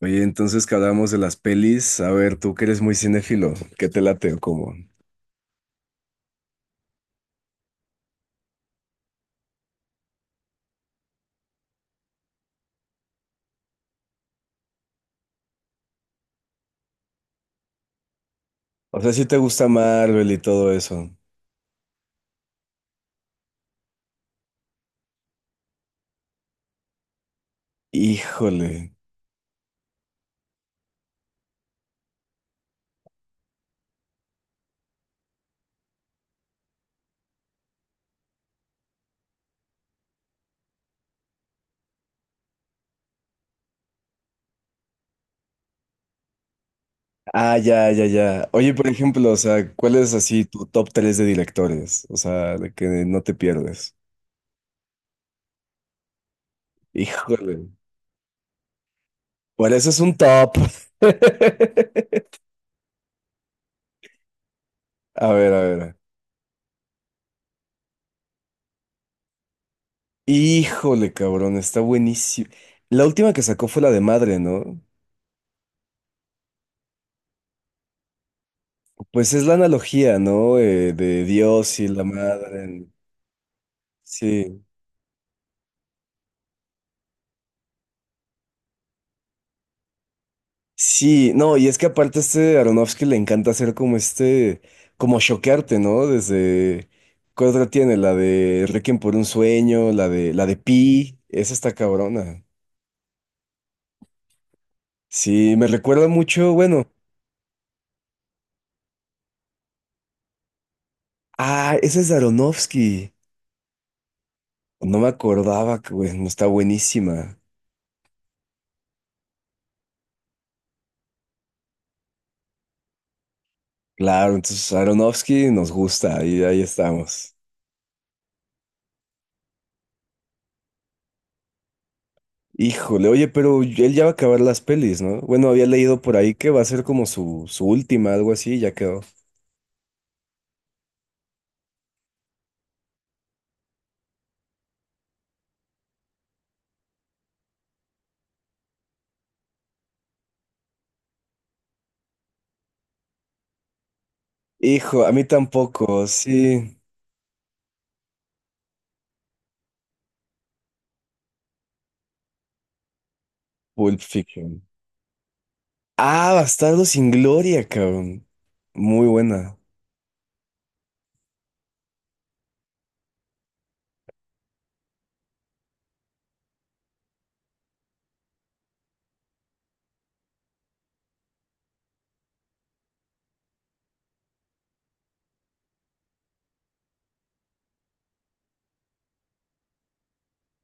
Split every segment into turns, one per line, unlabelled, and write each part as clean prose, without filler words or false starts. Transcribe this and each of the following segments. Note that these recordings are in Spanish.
Oye, entonces que hablábamos de las pelis, a ver, tú que eres muy cinéfilo, ¿qué te late o cómo? O sea, si te gusta Marvel y todo eso. Híjole. Ah, ya, ya, ya. Oye, por ejemplo, o sea, ¿cuál es así tu top 3 de directores? O sea, de que no te pierdes. Híjole. Por eso es un top. A ver, a ver. Híjole, cabrón, está buenísimo. La última que sacó fue la de madre, ¿no? Pues es la analogía, ¿no? De Dios y la madre. Sí. Sí, no, y es que aparte a este Aronofsky le encanta hacer como este, como choquearte, ¿no? Desde, ¿cuál otra tiene? La de Requiem por un sueño, la de Pi, esa está cabrona. Sí, me recuerda mucho, bueno, ah, esa es de Aronofsky. No me acordaba que, bueno, está buenísima. Claro, entonces Aronofsky nos gusta y ahí estamos. Híjole, oye, pero él ya va a acabar las pelis, ¿no? Bueno, había leído por ahí que va a ser como su última, algo así, ya quedó. Hijo, a mí tampoco, sí. Pulp Fiction. Ah, Bastardo sin Gloria, cabrón. Muy buena.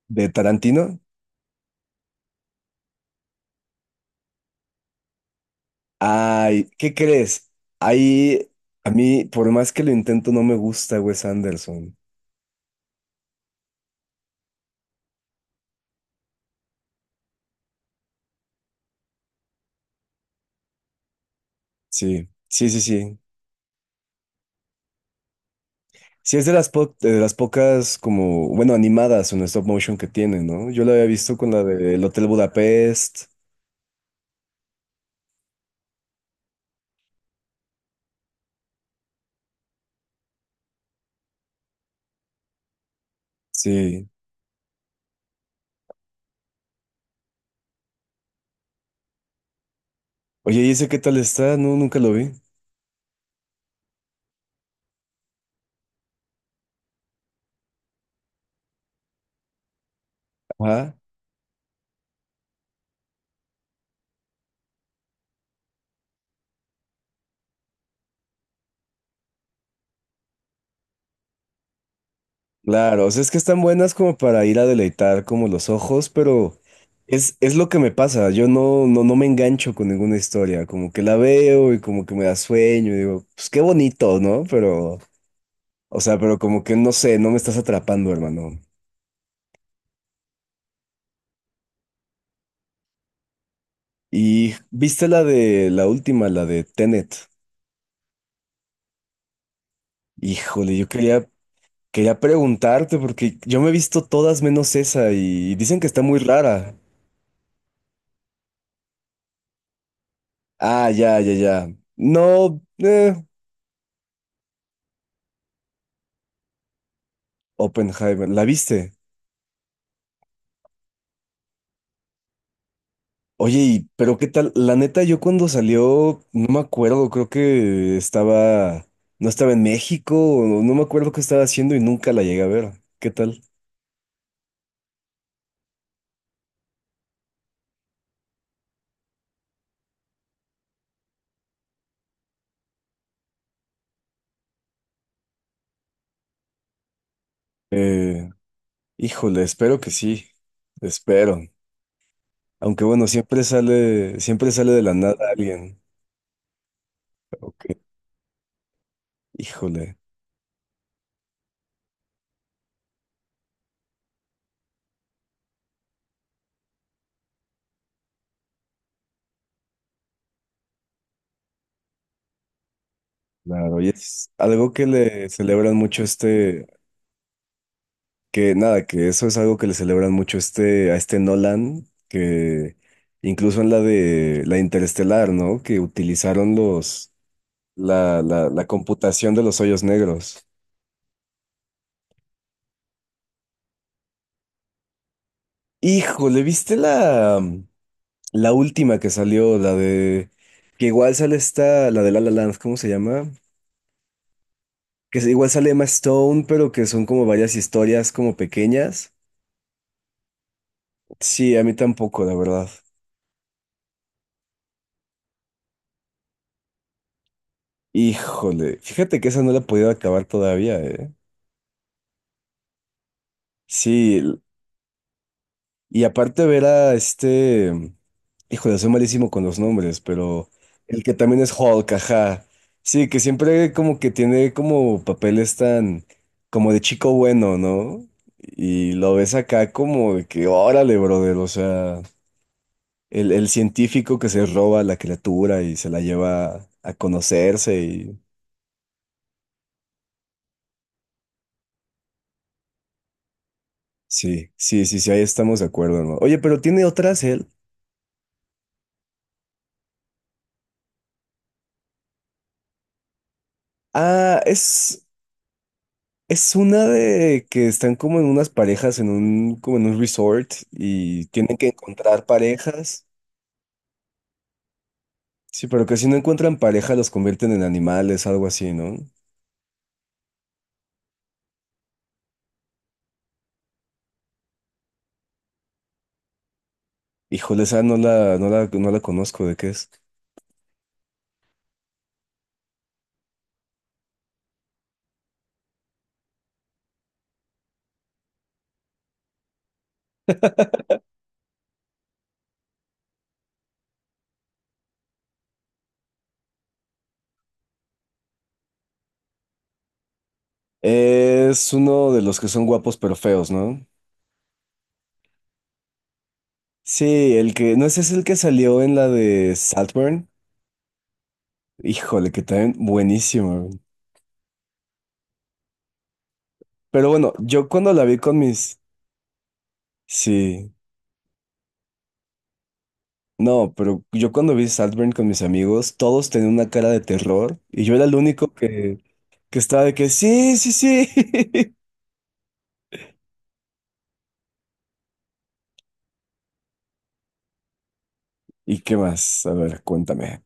¿De Tarantino? Ay, ¿qué crees? Ahí, a mí, por más que lo intento, no me gusta Wes Anderson. Sí, sí, sí, sí. Sí, es de las, de las pocas, como, bueno, animadas en stop motion que tiene, ¿no? Yo lo había visto con la del Hotel Budapest. Sí. Oye, ¿y ese qué tal está? No, nunca lo vi. Ajá. Claro, o sea, es que están buenas como para ir a deleitar como los ojos, pero es lo que me pasa. Yo no, no, no me engancho con ninguna historia, como que la veo y como que me da sueño y digo, pues qué bonito, ¿no? Pero, o sea, pero como que no sé, no me estás atrapando, hermano. Y viste la de la última, la de Tenet. Híjole, yo quería, quería preguntarte porque yo me he visto todas menos esa y dicen que está muy rara. Ah, ya, ya, ya. No, Oppenheimer, ¿la viste? Oye, pero qué tal, la neta, yo cuando salió, no me acuerdo, creo que estaba, no estaba en México, o no me acuerdo qué estaba haciendo y nunca la llegué a ver. ¿Qué tal? Eh, híjole, espero que sí, espero. Aunque bueno, siempre sale de la nada alguien. Ok, híjole, claro, y es algo que le celebran mucho este, que nada, que eso es algo que le celebran mucho este, a este Nolan, que incluso en la de la Interestelar, ¿no? Que utilizaron los, la computación de los hoyos negros. Híjole, ¿viste la, la última que salió? La de, que igual sale esta, la de La La Land, ¿cómo se llama? Que igual sale Emma Stone, pero que son como varias historias como pequeñas. Sí, a mí tampoco, la verdad. Híjole, fíjate que esa no la he podido acabar todavía, ¿eh? Sí, y aparte ver a este, híjole, soy malísimo con los nombres, pero el que también es Hulk, ajá. Sí, que siempre como que tiene como papeles tan como de chico bueno, ¿no? Y lo ves acá como de que órale, brother, o sea, el científico que se roba a la criatura y se la lleva a conocerse y sí, sí, sí, sí, ahí estamos de acuerdo, ¿no? Oye, pero tiene otras él. Ah, es. Es una de que están como en unas parejas en un, como en un resort y tienen que encontrar parejas. Sí, pero que si no encuentran pareja los convierten en animales, algo así, ¿no? Híjole, esa no la conozco, ¿de qué es? Es uno de los que son guapos pero feos, ¿no? Sí, el que, no ese es el que salió en la de Saltburn. Híjole, que también buenísimo. Pero bueno, yo cuando la vi con mis, sí. No, pero yo cuando vi Saltburn con mis amigos, todos tenían una cara de terror y yo era el único que estaba de que sí, sí, sí. ¿Y qué más? A ver, cuéntame.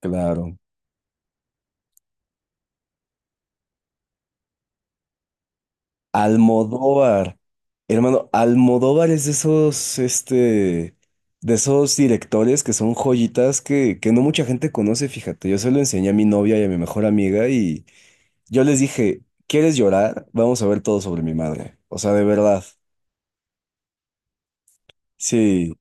Claro. Almodóvar. Hermano, Almodóvar es de esos, este, de esos directores que son joyitas que no mucha gente conoce, fíjate. Yo se lo enseñé a mi novia y a mi mejor amiga y yo les dije, ¿quieres llorar? Vamos a ver todo sobre mi madre. O sea, de verdad. Sí,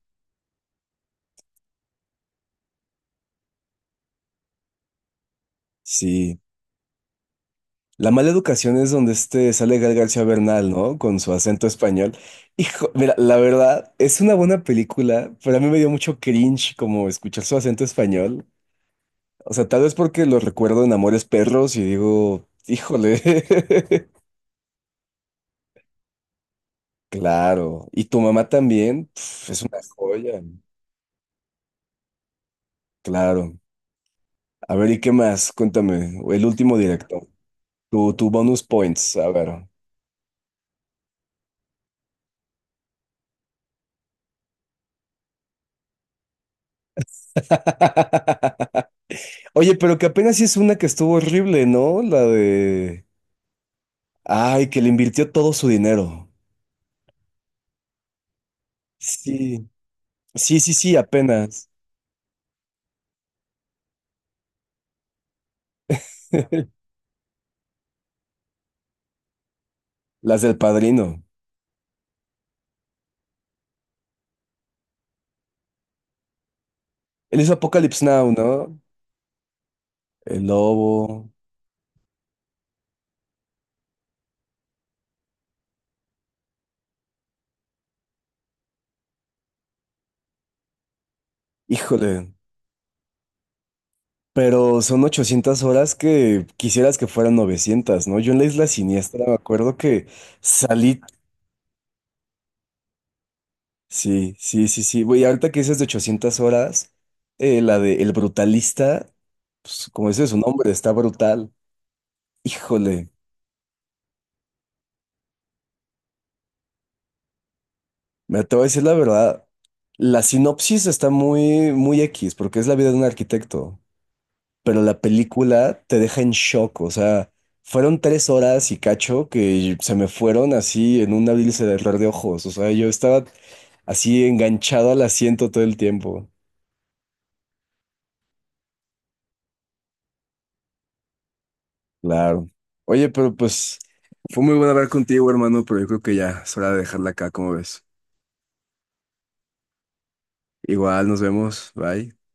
sí. La mala educación es donde este sale Gal García Bernal, ¿no? Con su acento español. Hijo, mira, la verdad, es una buena película, pero a mí me dio mucho cringe como escuchar su acento español. O sea, tal vez porque lo recuerdo en Amores Perros y digo, híjole. Claro. Y tu mamá también, pf, es una joya. Claro. A ver, ¿y qué más? Cuéntame. El último directo. Tu bonus points, a ver. Oye, pero que apenas sí es una que estuvo horrible, ¿no? La de... Ay, que le invirtió todo su dinero. Sí, sí, sí, sí, apenas. Las del Padrino. Él hizo Apocalypse Now, ¿no? El Lobo. Híjole. Pero son 800 horas que quisieras que fueran 900, ¿no? Yo en la Isla Siniestra me acuerdo que salí. Sí, sí, sí, sí. Güey, ahorita que dices de 800 horas, la de El Brutalista, pues como dice su nombre, está brutal. Híjole. Me te voy a decir la verdad. La sinopsis está muy, muy X, porque es la vida de un arquitecto. Pero la película te deja en shock. O sea, fueron 3 horas y cacho que se me fueron así en un abrir y cerrar de ojos. O sea, yo estaba así enganchado al asiento todo el tiempo. Claro. Oye, pero pues fue muy bueno hablar contigo, hermano, pero yo creo que ya es hora de dejarla acá, ¿como ves? Igual, nos vemos. Bye.